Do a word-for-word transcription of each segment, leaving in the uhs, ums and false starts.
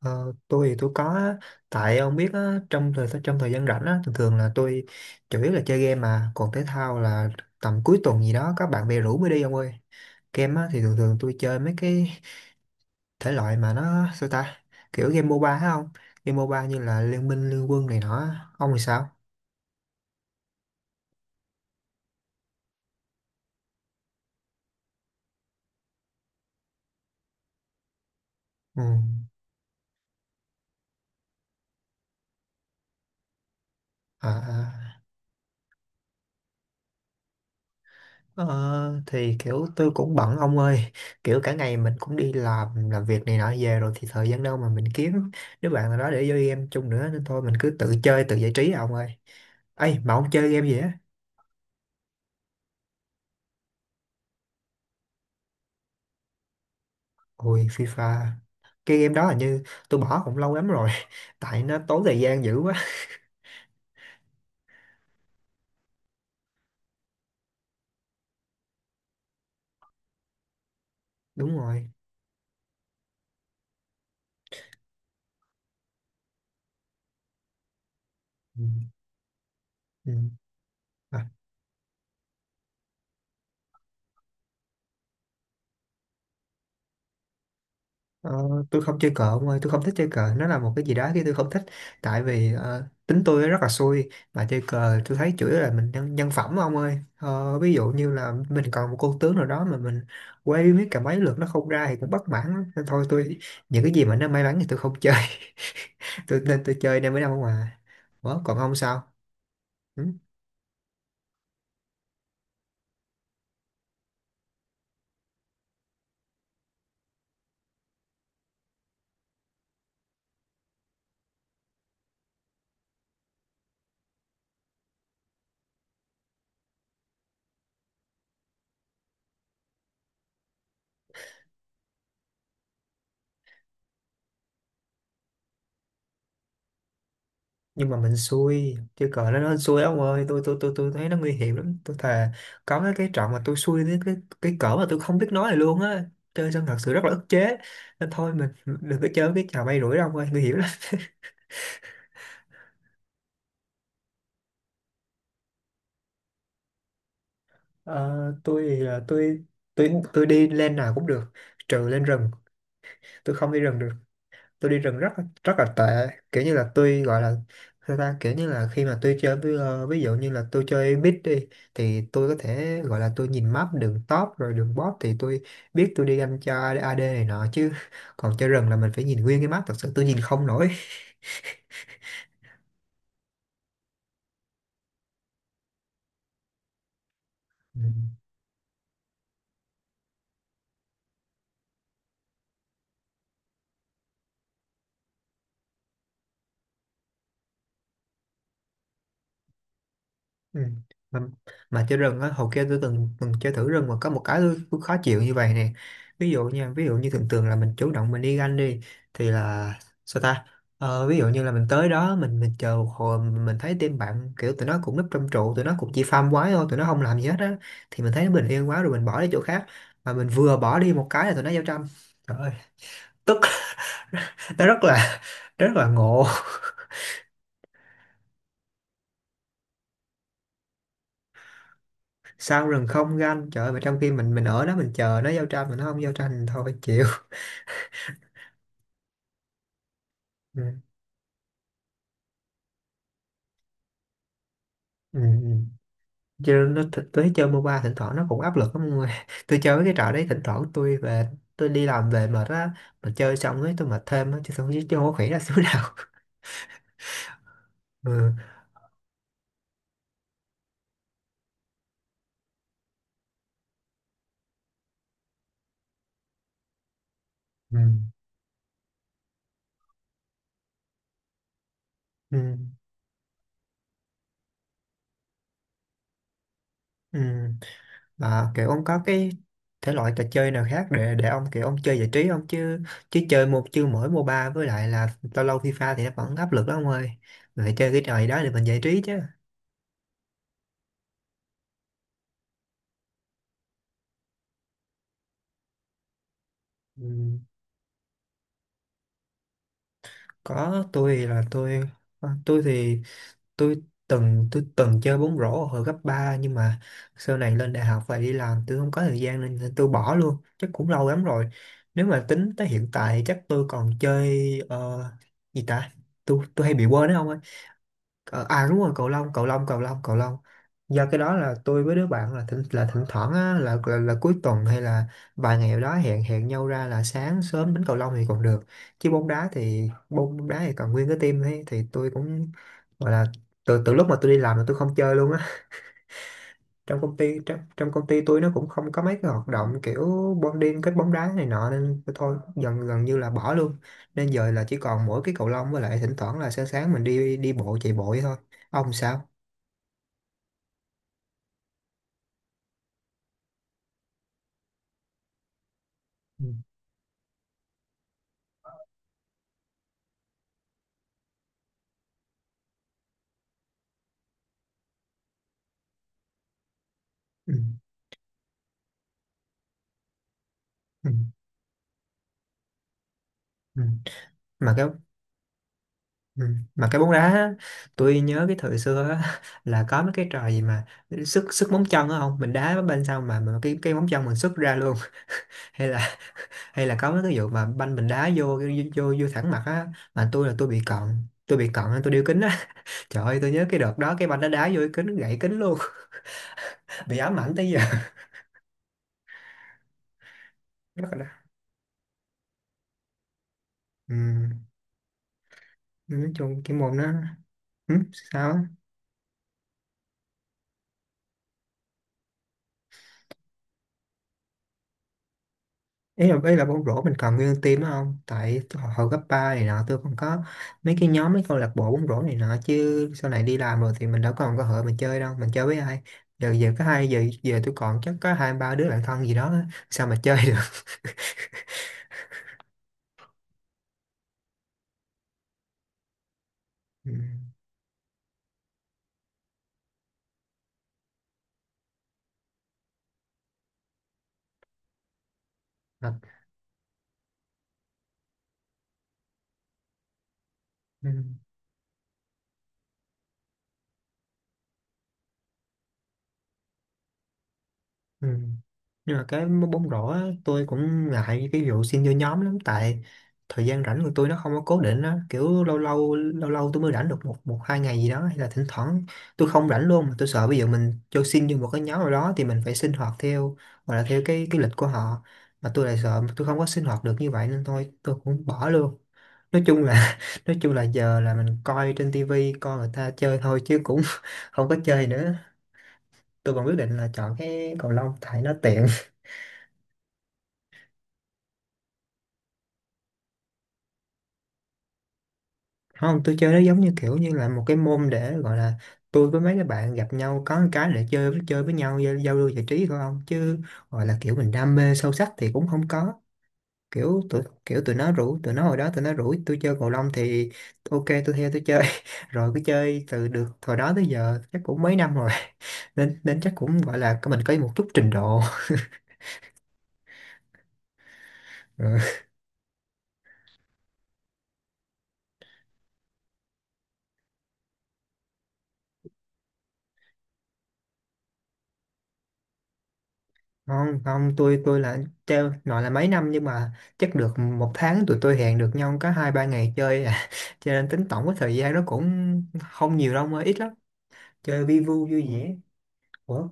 Ờ, tôi thì tôi có á. Tại ông biết á, trong thời trong thời gian rảnh á, thường thường là tôi chủ yếu là chơi game, mà còn thể thao là tầm cuối tuần gì đó các bạn bè rủ mới đi ông ơi. Game á, thì thường thường tôi chơi mấy cái thể loại mà nó sao ta, kiểu game MOBA á không, game MOBA như là Liên Minh Liên Quân này nọ á. Ông thì sao? Ừ. À, à. Ờ, thì kiểu tôi cũng bận ông ơi, kiểu cả ngày mình cũng đi làm làm việc này nọ về rồi thì thời gian đâu mà mình kiếm đứa bạn nào đó để chơi game chung nữa, nên thôi mình cứ tự chơi tự giải trí à ông ơi. Ấy mà ông chơi game gì á? Ôi FIFA, cái game đó hình như tôi bỏ cũng lâu lắm rồi tại nó tốn thời gian dữ quá. Đúng rồi. Ừ. Ừ. Ờ. Ờ, tôi không chơi cờ ông ơi, tôi không thích chơi cờ, nó là một cái gì đó cái tôi không thích. Tại vì ờ, tính tôi rất là xui, mà chơi cờ tôi thấy chủ yếu là mình nhân, nhân phẩm ông ơi. Ờ, ví dụ như là mình còn một con tướng nào đó mà mình quay biết cả mấy lượt nó không ra thì cũng bất mãn lắm. Nên thôi tôi những cái gì mà nó may mắn thì tôi không chơi. Tôi nên tôi chơi nên mới đâu mà. Ủa, còn ông sao? Ừ? Nhưng mà mình xui chơi cờ nó nó xui ông ơi, tôi tôi tôi tôi thấy nó nguy hiểm lắm, tôi thề có mấy cái trận mà tôi xui cái cái cái cỡ mà tôi không biết nói này luôn á, chơi xong thật sự rất là ức chế. Nên thôi mình đừng có chơi cái trò bay rủi đâu ông ơi, nguy hiểm lắm. Ờ, tôi thì là tôi tôi tôi đi lên nào cũng được, trừ lên rừng, tôi không đi rừng được. Tôi đi rừng rất rất là tệ, kiểu như là tôi gọi là sao ta, kiểu như là khi mà tôi chơi với, ờ, ví dụ như là tôi chơi bit đi, thì tôi có thể gọi là tôi nhìn map đường top rồi đường bot thì tôi biết tôi đi ganh cho A D này nọ chứ, còn chơi rừng là mình phải nhìn nguyên cái map, thật sự tôi nhìn không nổi. Ừ. Ừ. Mà, mà chơi rừng á hồi kia tôi từng từng chơi thử rừng mà có một cái tôi, tôi khó chịu như vậy nè. Ví dụ nha, ví dụ như thường thường là mình chủ động mình đi ganh đi, thì là sao ta, ờ, ví dụ như là mình tới đó mình mình chờ một hồi mình mình thấy team bạn kiểu tụi nó cũng núp trong trụ, tụi nó cũng chỉ farm quái thôi, tụi nó không làm gì hết á, thì mình thấy nó bình yên quá rồi mình bỏ đi chỗ khác, mà mình vừa bỏ đi một cái là tụi nó giao tranh. Trời ơi, tức. Nó rất là, rất là ngộ. Sao rừng không ganh trời ơi, mà trong khi mình mình ở đó mình chờ nó giao tranh mà nó không giao tranh, thôi chịu. Ừ. Ừ. Ừ. Chứ nó thực tế chơi MOBA thỉnh thoảng nó cũng áp lực lắm mọi người. Tôi chơi cái trò đấy thỉnh thoảng tôi về, tôi đi làm về mệt á, mà chơi xong ấy tôi mệt thêm á, chứ không chứ không có khỉ ra xíu nào. Ừ. Ừ. Ừ. Ừ. Mà kiểu ông có cái thể loại trò chơi nào khác để để ông kiểu ông chơi giải trí không chứ, chứ chơi một chứ mỗi MOBA với lại là lâu lâu FIFA thì nó vẫn áp lực lắm ông ơi. Mình phải chơi cái trò gì đó để mình giải trí chứ. Ừ. Có, tôi là tôi ờ, tôi thì tôi từng tôi từng chơi bóng rổ hồi cấp ba, nhưng mà sau này lên đại học và đi làm tôi không có thời gian nên, nên tôi bỏ luôn chắc cũng lâu lắm rồi. Nếu mà tính tới hiện tại chắc tôi còn chơi ờ, gì ta, tôi tôi hay bị quên đấy không ơi. Ờ, à đúng rồi, cầu lông cầu lông cầu lông cầu lông, do cái đó là tôi với đứa bạn là thỉnh là thỉnh thoảng á, là, là là cuối tuần hay là vài ngày đó hẹn hẹn nhau ra là sáng sớm đánh cầu lông thì còn được. Chứ bóng đá thì bóng đá thì còn nguyên cái team ấy thì tôi cũng gọi là, từ từ lúc mà tôi đi làm là tôi không chơi luôn á. Trong công ty trong, trong công ty tôi nó cũng không có mấy cái hoạt động kiểu bonding kết bóng đá này nọ nên tôi thôi gần gần như là bỏ luôn. Nên giờ là chỉ còn mỗi cái cầu lông, với lại thỉnh thoảng là sáng sáng mình đi đi bộ chạy bộ vậy thôi. Ông sao? Ừ. Ừ. Ừ. Ừ. Mà cái, ừ, mà cái bóng đá á, tôi nhớ cái thời xưa á, là có mấy cái trò gì mà sức sức móng chân á không, mình đá bên sau mà, mà cái cái móng chân mình sức ra luôn. Hay là, hay là có mấy cái vụ mà banh mình đá vô vô vô, vô thẳng mặt á. Mà tôi là tôi bị cận, tôi bị cận nên tôi đeo kính á. Trời ơi tôi nhớ cái đợt đó cái banh nó đá vô cái kính, nó gãy kính luôn. Bị ám ảnh tới giờ. Rất là- ừ. Nói chung cái môn nó, ừ, sao á? Ý là, ý là bóng rổ mình còn nguyên team đó không, tại tôi- hồi, hồi cấp ba này nọ tôi còn có mấy cái nhóm, mấy câu lạc bộ bóng rổ này nọ, chứ sau này đi làm rồi thì mình đâu còn cơ hội mình chơi đâu, mình chơi với ai. Giờ giờ có hai giờ về tôi còn chắc có hai ba đứa bạn thân gì đó á, sao mà chơi được. Ừ. Ừ. Ừ. Nhưng mà cái bóng rổ á, tôi cũng ngại cái vụ xin vô nhóm lắm, tại thời gian rảnh của tôi nó không có cố định á, kiểu lâu lâu lâu lâu tôi mới rảnh được một một hai ngày gì đó, hay là thỉnh thoảng tôi không rảnh luôn, mà tôi sợ bây giờ mình cho xin vô một cái nhóm nào đó thì mình phải sinh hoạt theo, hoặc là theo cái cái lịch của họ. Mà tôi lại sợ tôi không có sinh hoạt được như vậy, nên thôi tôi cũng bỏ luôn. Nói chung là nói chung là giờ là mình coi trên tivi coi người ta chơi thôi, chứ cũng không có chơi nữa. Tôi còn quyết định là chọn cái cầu lông tại nó tiện. Không, tôi chơi nó giống như kiểu như là một cái môn để gọi là tôi với mấy cái bạn gặp nhau có một cái để chơi chơi với nhau giao giao lưu giải trí thôi, không chứ gọi là kiểu mình đam mê sâu sắc thì cũng không có. Kiểu tụi kiểu tụi nó rủ, tụi nó hồi đó tụi nó rủ tôi chơi cầu lông thì ok tôi theo tôi chơi, rồi cứ chơi từ được hồi đó tới giờ chắc cũng mấy năm rồi, nên nên chắc cũng gọi là mình có một chút trình độ. không không tôi tôi là treo nói là mấy năm, nhưng mà chắc được một tháng tụi tôi hẹn được nhau có hai ba ngày chơi à. Cho nên tính tổng cái thời gian nó cũng không nhiều đâu, mà ít lắm. Chơi vi vu vui vẻ. Ủa,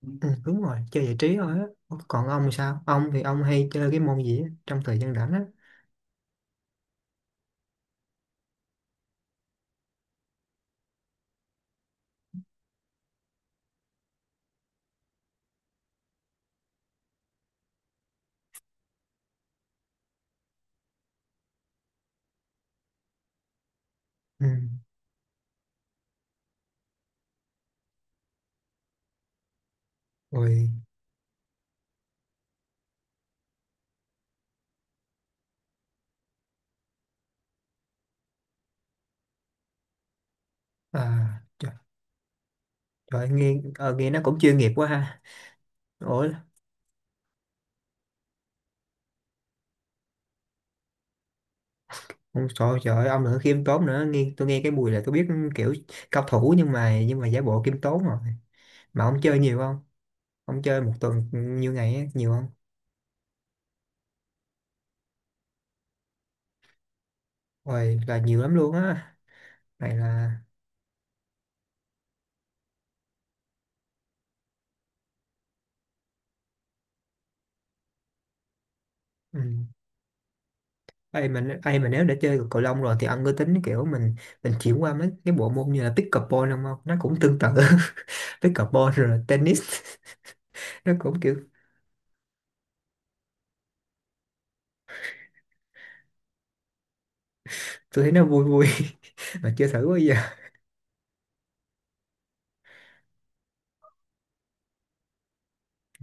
ừ, đúng rồi, chơi giải trí thôi á. Còn ông thì sao, ông thì ông hay chơi cái môn gì á, trong thời gian rảnh á? Ừ. Rồi. À trời, trời ơi, nghe ờ, nghe nó cũng chuyên nghiệp quá ha. Ủa, ông trời trời ơi, ông nữa khiêm tốn nữa, nghe tôi nghe cái mùi là tôi biết, kiểu cao thủ, nhưng mà nhưng mà giả bộ khiêm tốn rồi. Mà ông chơi nhiều không? Ông chơi một tuần nhiêu ngày á, nhiều không? Ôi là nhiều lắm luôn á. Này là, ừ. Ê, mình ê, mà nếu đã chơi cầu lông rồi thì ông có tính kiểu mình mình chuyển qua mấy cái bộ môn như là pickleball không không? Nó cũng tương tự pickleball rồi tennis. Nó cũng kiểu tôi thấy nó vui vui mà chưa thử bao giờ.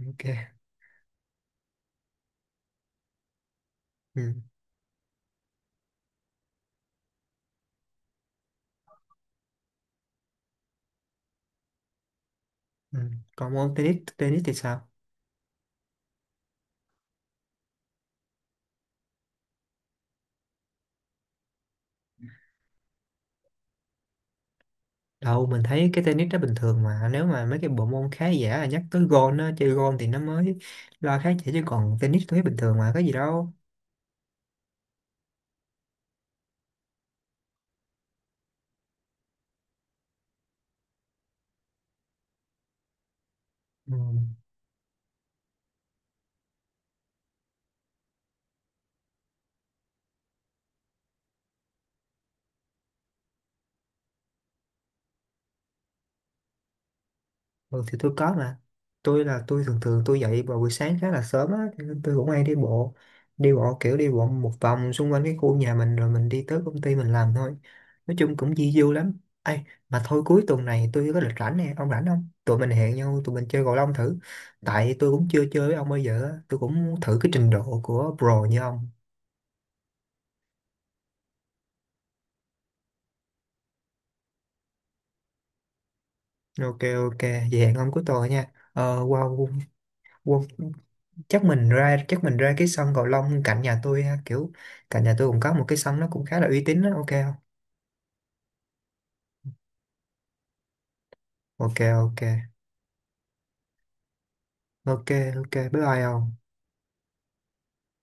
Ok. Ừ. Ừ. Còn môn tennis, tennis thì sao? Đâu mình thấy cái tennis nó bình thường mà, nếu mà mấy cái bộ môn khá giả là nhắc tới gôn á, chơi gôn thì nó mới lo khác chỉ, chứ còn tennis tôi thấy bình thường mà có gì đâu. Ừ. Ừ, thì tôi có mà, tôi là tôi thường thường tôi dậy vào buổi sáng khá là sớm á, cho nên tôi cũng hay đi bộ, đi bộ kiểu đi bộ một vòng xung quanh cái khu nhà mình rồi mình đi tới công ty mình làm thôi, nói chung cũng di du lắm. Ai mà thôi cuối tuần này tôi có lịch rảnh nè, ông rảnh không tụi mình hẹn nhau tụi mình chơi cầu lông thử, tại tôi cũng chưa chơi với ông bao giờ á, tôi cũng muốn thử cái trình độ của pro như ông. Ok ok, vậy hẹn ông cuối tuần nha. Ờ wow, wow, wow. Chắc mình ra chắc mình ra cái sân cầu lông cạnh nhà tôi ha, kiểu cạnh nhà tôi cũng có một cái sân nó cũng khá là uy tín đó, ok không? Ok ok. Ok. Ok, bye bye không.